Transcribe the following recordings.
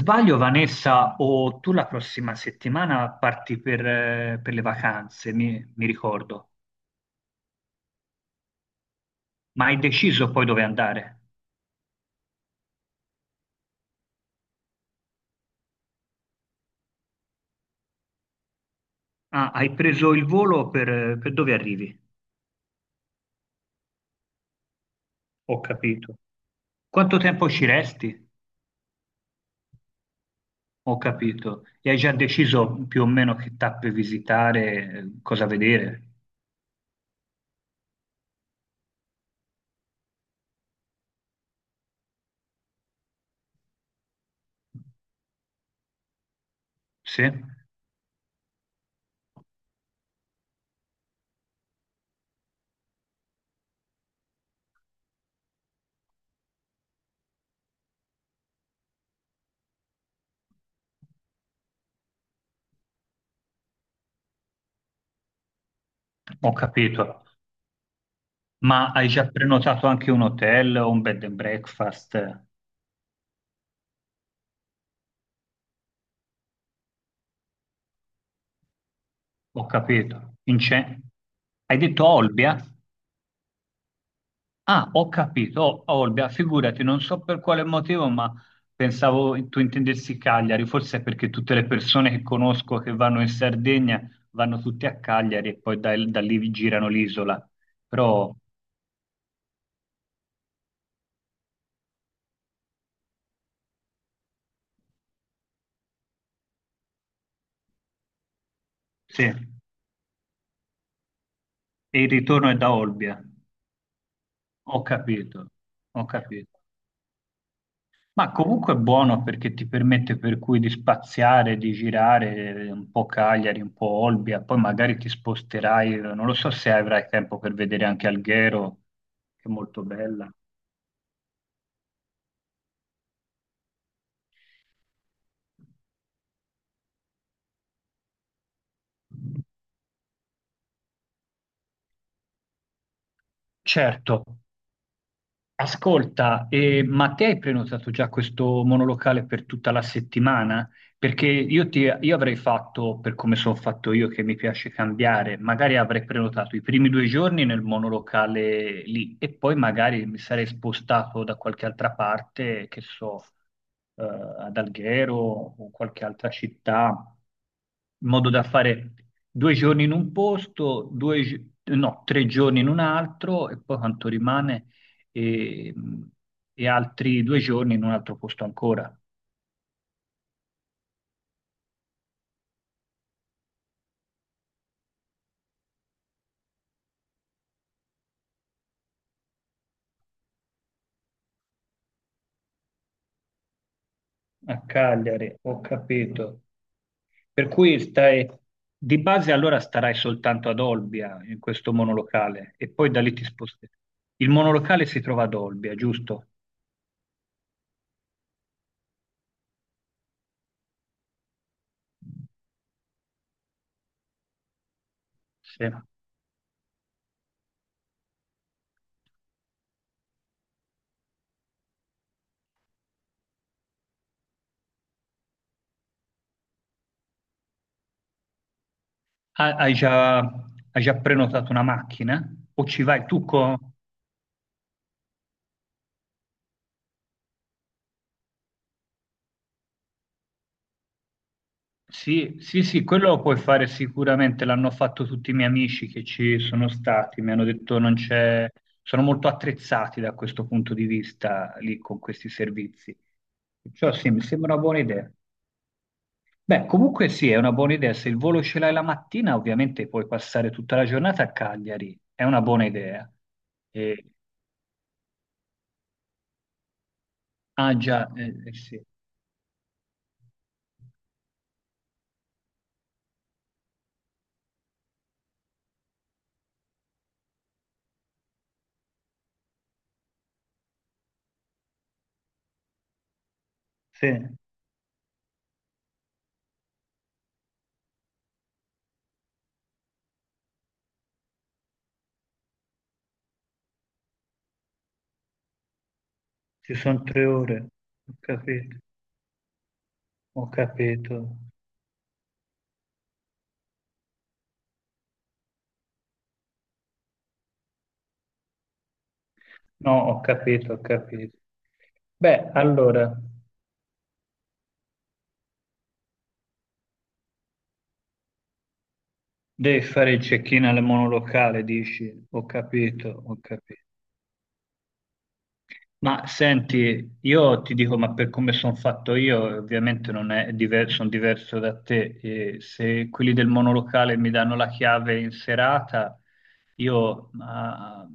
Sbaglio, Vanessa, o tu la prossima settimana parti per le vacanze, mi ricordo, ma hai deciso poi dove andare? Ah, hai preso il volo per dove arrivi? Ho capito. Quanto tempo ci resti? Ho capito. E hai già deciso più o meno che tappe visitare, cosa vedere? Sì? Ho capito. Ma hai già prenotato anche un hotel o un bed and breakfast? Ho capito. In ce- Hai detto Olbia? Ah, ho capito. O- Olbia, figurati, non so per quale motivo, ma pensavo tu intendessi Cagliari. Forse è perché tutte le persone che conosco che vanno in Sardegna vanno tutte a Cagliari e poi da, da lì vi girano l'isola. Però sì, e il ritorno è da Olbia. Ho capito, ho capito. Ma comunque è buono perché ti permette per cui di spaziare, di girare un po' Cagliari, un po' Olbia, poi magari ti sposterai, non lo so se avrai tempo per vedere anche Alghero, che è molto bella. Certo. Ascolta, ma te hai prenotato già questo monolocale per tutta la settimana? Perché io, ti- io avrei fatto, per come sono fatto io, che mi piace cambiare, magari avrei prenotato i primi due giorni nel monolocale lì e poi magari mi sarei spostato da qualche altra parte, che so, ad Alghero o qualche altra città, in modo da fare due giorni in un posto, due, gi- no, tre giorni in un altro e poi quanto rimane e, e altri due giorni in un altro posto ancora, a Cagliari, ho capito. Per cui stai, di base allora starai soltanto ad Olbia, in questo monolocale, e poi da lì ti sposterai. Il monolocale si trova ad Olbia, giusto? Sì. Ha- Hai già, hai già prenotato una macchina? O ci vai tu con... Sì, sì, sì, quello lo puoi fare sicuramente, l'hanno fatto tutti i miei amici che ci sono stati, mi hanno detto non c'è, sono molto attrezzati da questo punto di vista lì con questi servizi. Perciò sì, mi sembra una buona idea. Beh, comunque sì, è una buona idea, se il volo ce l'hai la mattina, ovviamente puoi passare tutta la giornata a Cagliari, è una buona idea. E- ah già, sì. Sì, ci sono tre ore, ho capito, ho capito. No, ho capito, ho capito. Beh, allora, devi fare il check-in al monolocale, dici, ho capito, ho capito. Ma senti, io ti dico, ma per come sono fatto io, ovviamente non è diverso, sono diverso da te. E se quelli del monolocale mi danno la chiave in serata, io ma,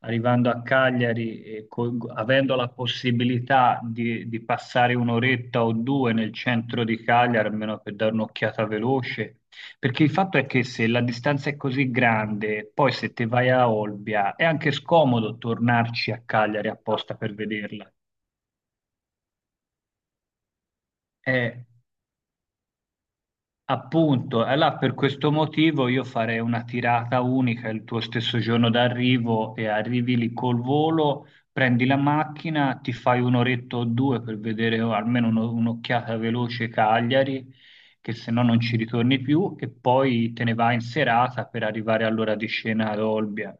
arrivando a Cagliari, e co- avendo la possibilità di passare un'oretta o due nel centro di Cagliari, almeno per dare un'occhiata veloce. Perché il fatto è che se la distanza è così grande, poi se te vai a Olbia, è anche scomodo tornarci a Cagliari apposta per vederla. Eh, appunto, allora per questo motivo io farei una tirata unica il tuo stesso giorno d'arrivo e arrivi lì col volo, prendi la macchina, ti fai un'oretta o due per vedere almeno uno- un'occhiata veloce Cagliari, che se no non ci ritorni più, e poi te ne vai in serata per arrivare all'ora di scena ad Olbia.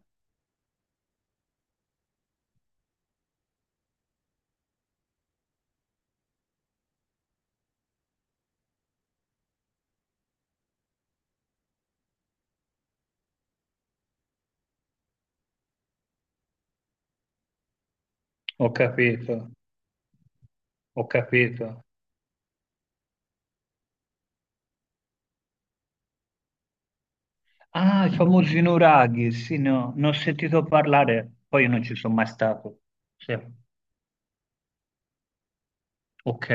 Ho capito, ho capito. Ah, i famosi nuraghi, sì, no, ne ho sentito parlare, poi io non ci sono mai stato. Sì, ok,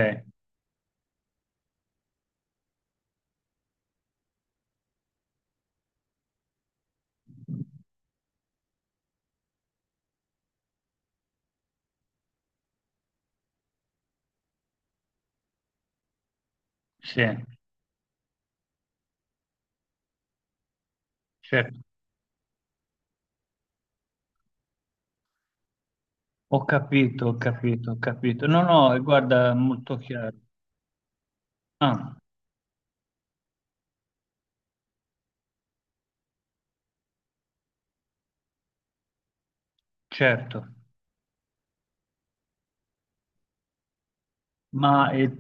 sì, certo. Ho capito, ho capito, ho capito. No, no, guarda, è molto chiaro. Ah, certo. Ma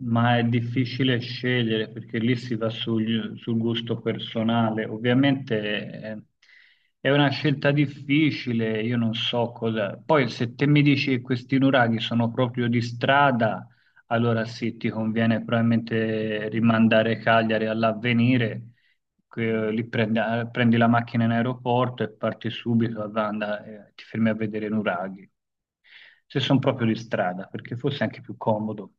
ma è difficile scegliere perché lì si va sul, sul gusto personale. Ovviamente eh, è una scelta difficile, io non so cosa. Poi se te mi dici che questi nuraghi sono proprio di strada, allora sì, ti conviene probabilmente rimandare Cagliari all'avvenire, que- lì prendi, ah, prendi la macchina in aeroporto e parti subito, a Vanda, ti fermi a vedere i nuraghi. Se sono proprio di strada, perché forse è anche più comodo.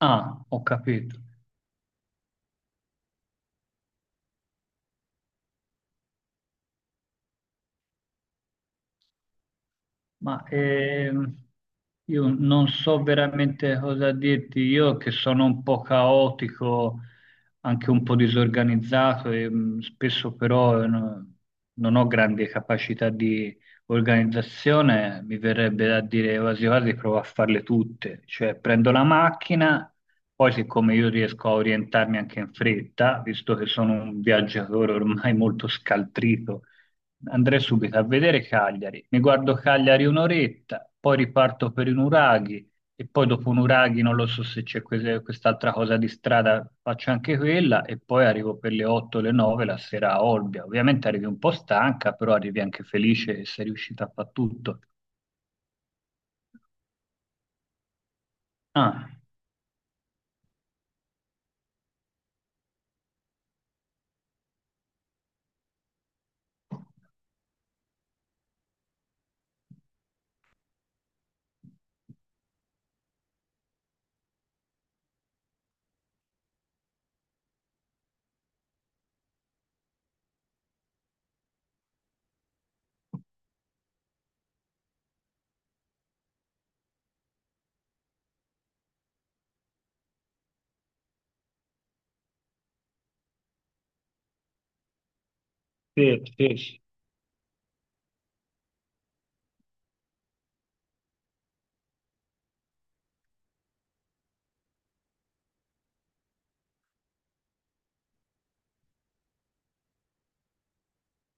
Ah, ho capito. Ma io non so veramente cosa dirti. Io che sono un po' caotico, anche un po' disorganizzato e spesso però no- non ho grandi capacità di organizzazione, mi verrebbe da dire quasi quasi provo a farle tutte, cioè prendo la macchina, poi siccome io riesco a orientarmi anche in fretta, visto che sono un viaggiatore ormai molto scaltrito, andrei subito a vedere Cagliari, mi guardo Cagliari un'oretta, poi riparto per i nuraghi e poi dopo un Uraghi, non lo so se c'è quese- quest'altra cosa di strada, faccio anche quella e poi arrivo per le 8 o le 9 la sera a Olbia. Ovviamente arrivi un po' stanca, però arrivi anche felice e sei riuscita a fare tutto. Ah, sì, sì, sì.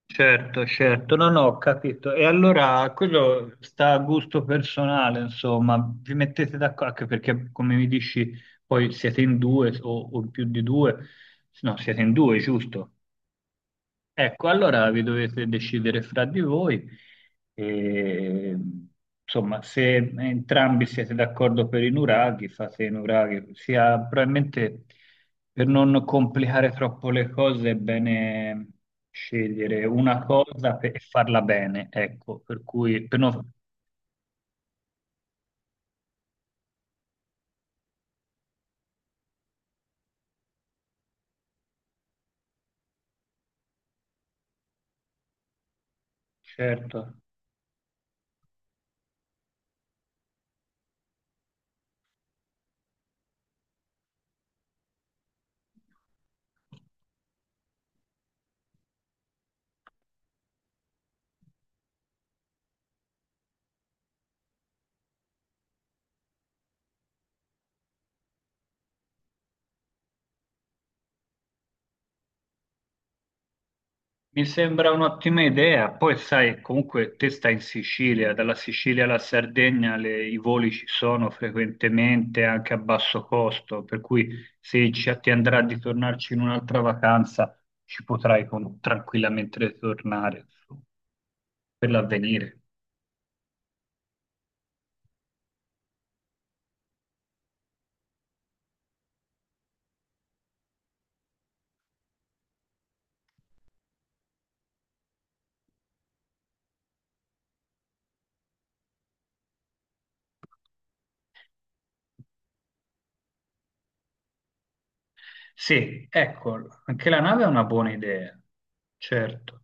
Certo, certo. No, no, ho capito. E allora quello sta a gusto personale, insomma, vi mettete d'accordo, anche perché come mi dici, poi siete in due o in più di due, no, siete in due, giusto? Ecco, allora vi dovete decidere fra di voi. E, insomma, se entrambi siete d'accordo per i nuraghi, fate i nuraghi. Sia, probabilmente per non complicare troppo le cose è bene scegliere una cosa pe- e farla bene, ecco, per cui per non- certo. Mi sembra un'ottima idea, poi sai, comunque te stai in Sicilia, dalla Sicilia alla Sardegna le- i voli ci sono frequentemente anche a basso costo, per cui se ci- ti andrà di tornarci in un'altra vacanza ci potrai con- tranquillamente ritornare insomma, per l'avvenire. Sì, ecco, anche la nave è una buona idea, certo.